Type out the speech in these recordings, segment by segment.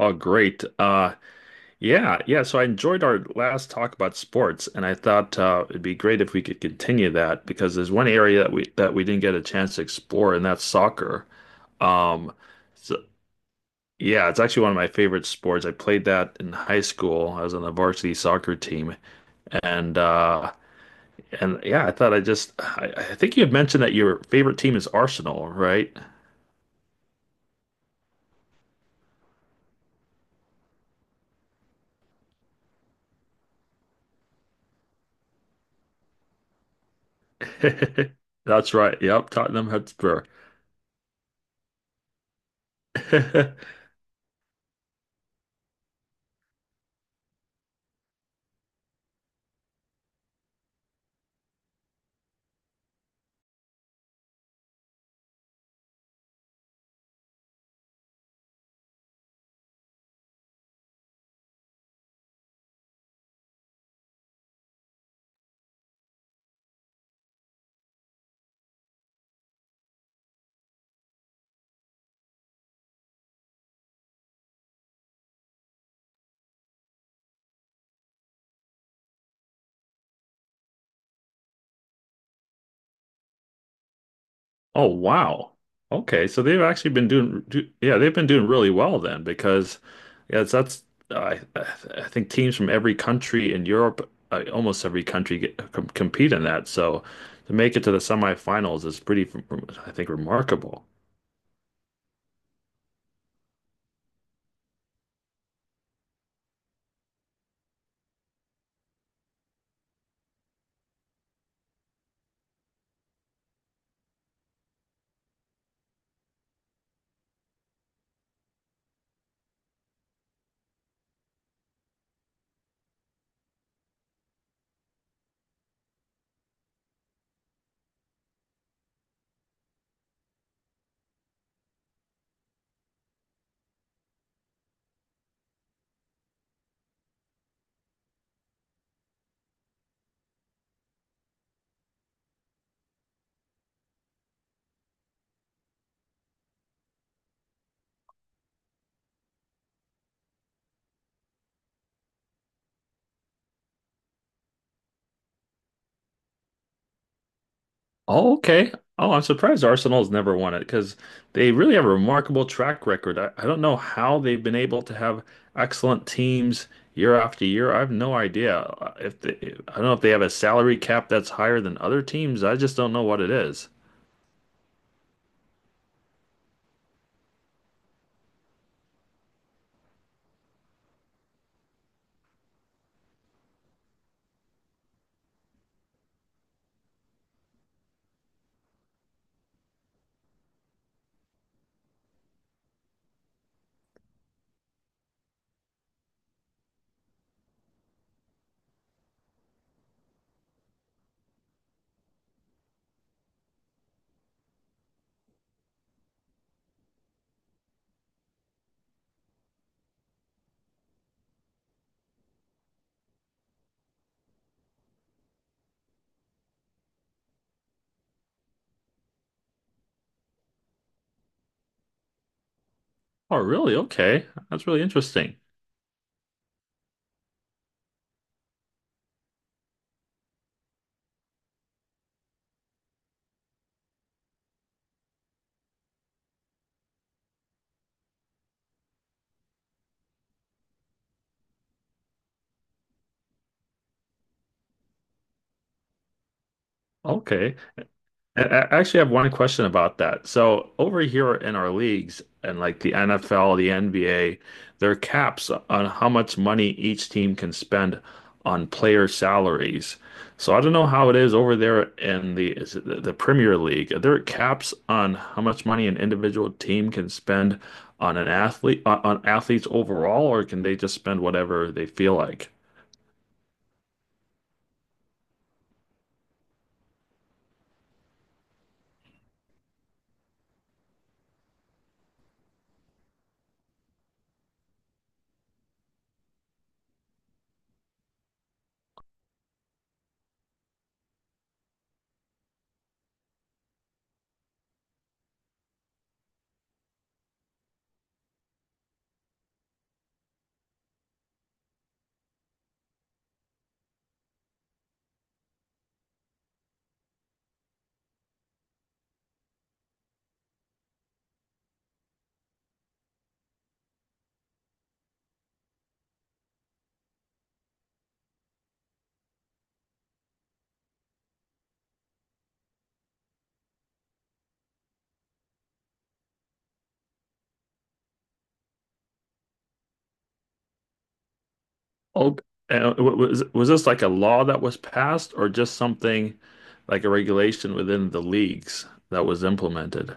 Oh, great. Yeah. So I enjoyed our last talk about sports, and I thought it'd be great if we could continue that because there's one area that we didn't get a chance to explore, and that's soccer. Um, so yeah, it's actually one of my favorite sports. I played that in high school. I was on the varsity soccer team, and uh, and yeah, I thought I just I think you had mentioned that your favorite team is Arsenal, right? That's right. Yep, Tottenham Hotspur. Oh, wow. Okay, so they've actually been doing really well then because, yeah, it's- that's I I think teams from every country in Europe, almost every country get, com compete in that. So to make it to the semifinals is pretty, I think, remarkable. Oh, okay. Oh, I'm surprised Arsenal's never won it because they really have a remarkable track record. I don't know how they've been able to have excellent teams year after year. I have no idea. If they, I don't know if they have a salary cap that's higher than other teams. I just don't know what it is. Oh, really? Okay. That's really interesting. Okay. I actually have one question about that. So over here in our leagues and like the NFL, the NBA, there are caps on how much money each team can spend on player salaries. So I don't know how it is over there in the is it the Premier League. Are there caps on how much money an individual team can spend on athletes overall, or can they just spend whatever they feel like? Oh, was this like a law that was passed, or just something like a regulation within the leagues that was implemented?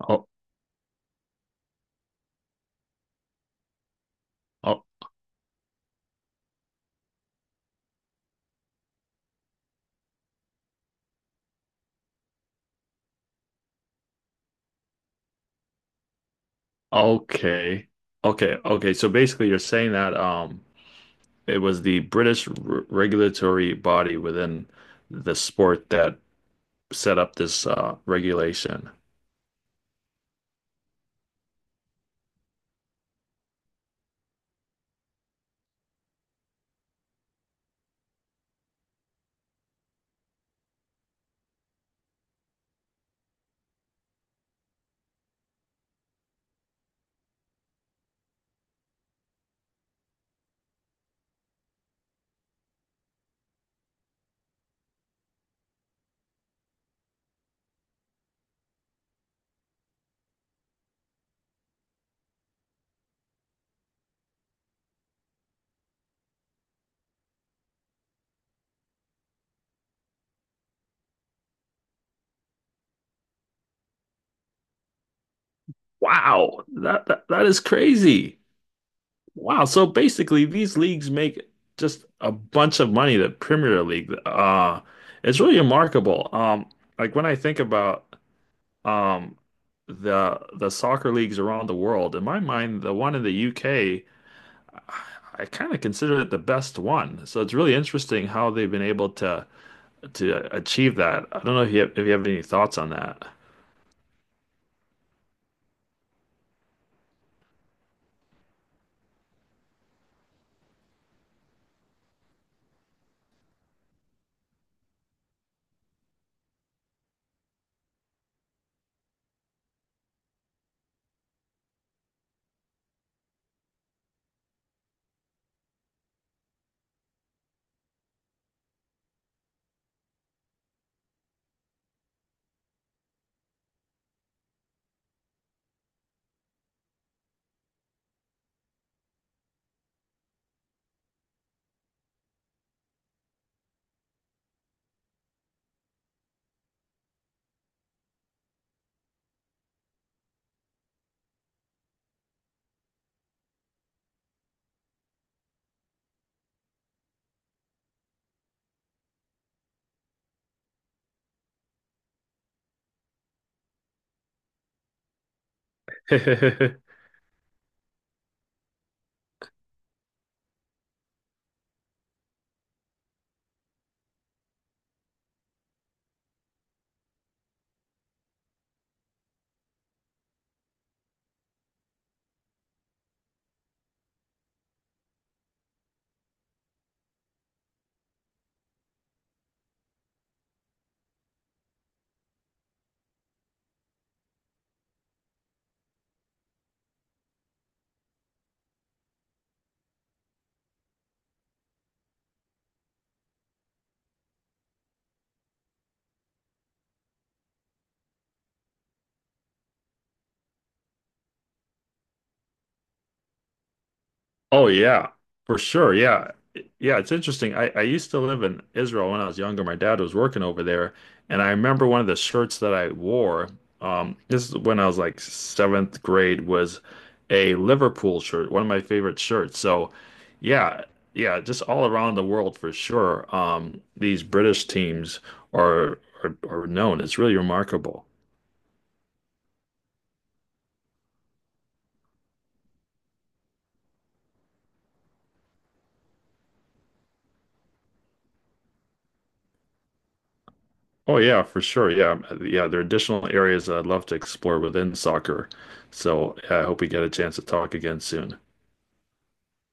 Oh, oh, okay, okay. So basically, you're saying that it was the British r regulatory body within the sport that set up this regulation. Wow, that, that is crazy. Wow. So basically, these leagues make just a bunch of money, the Premier League. It's really remarkable. Like when I think about um the soccer leagues around the world, in my mind, the one in the UK, I kind of consider it the best one. So it's really interesting how they've been able to achieve that. I don't know if if you have any thoughts on that. Oh yeah, for sure. Yeah. Yeah, it's interesting. I used to live in Israel when I was younger. My dad was working over there, and I remember one of the shirts that I wore, this is when I was like seventh grade, was a Liverpool shirt, one of my favorite shirts. So yeah, yeah, just all around the world for sure. These British teams are are known. It's really remarkable. Oh yeah, for sure. Yeah. There are additional areas that I'd love to explore within soccer. So yeah, I hope we get a chance to talk again soon.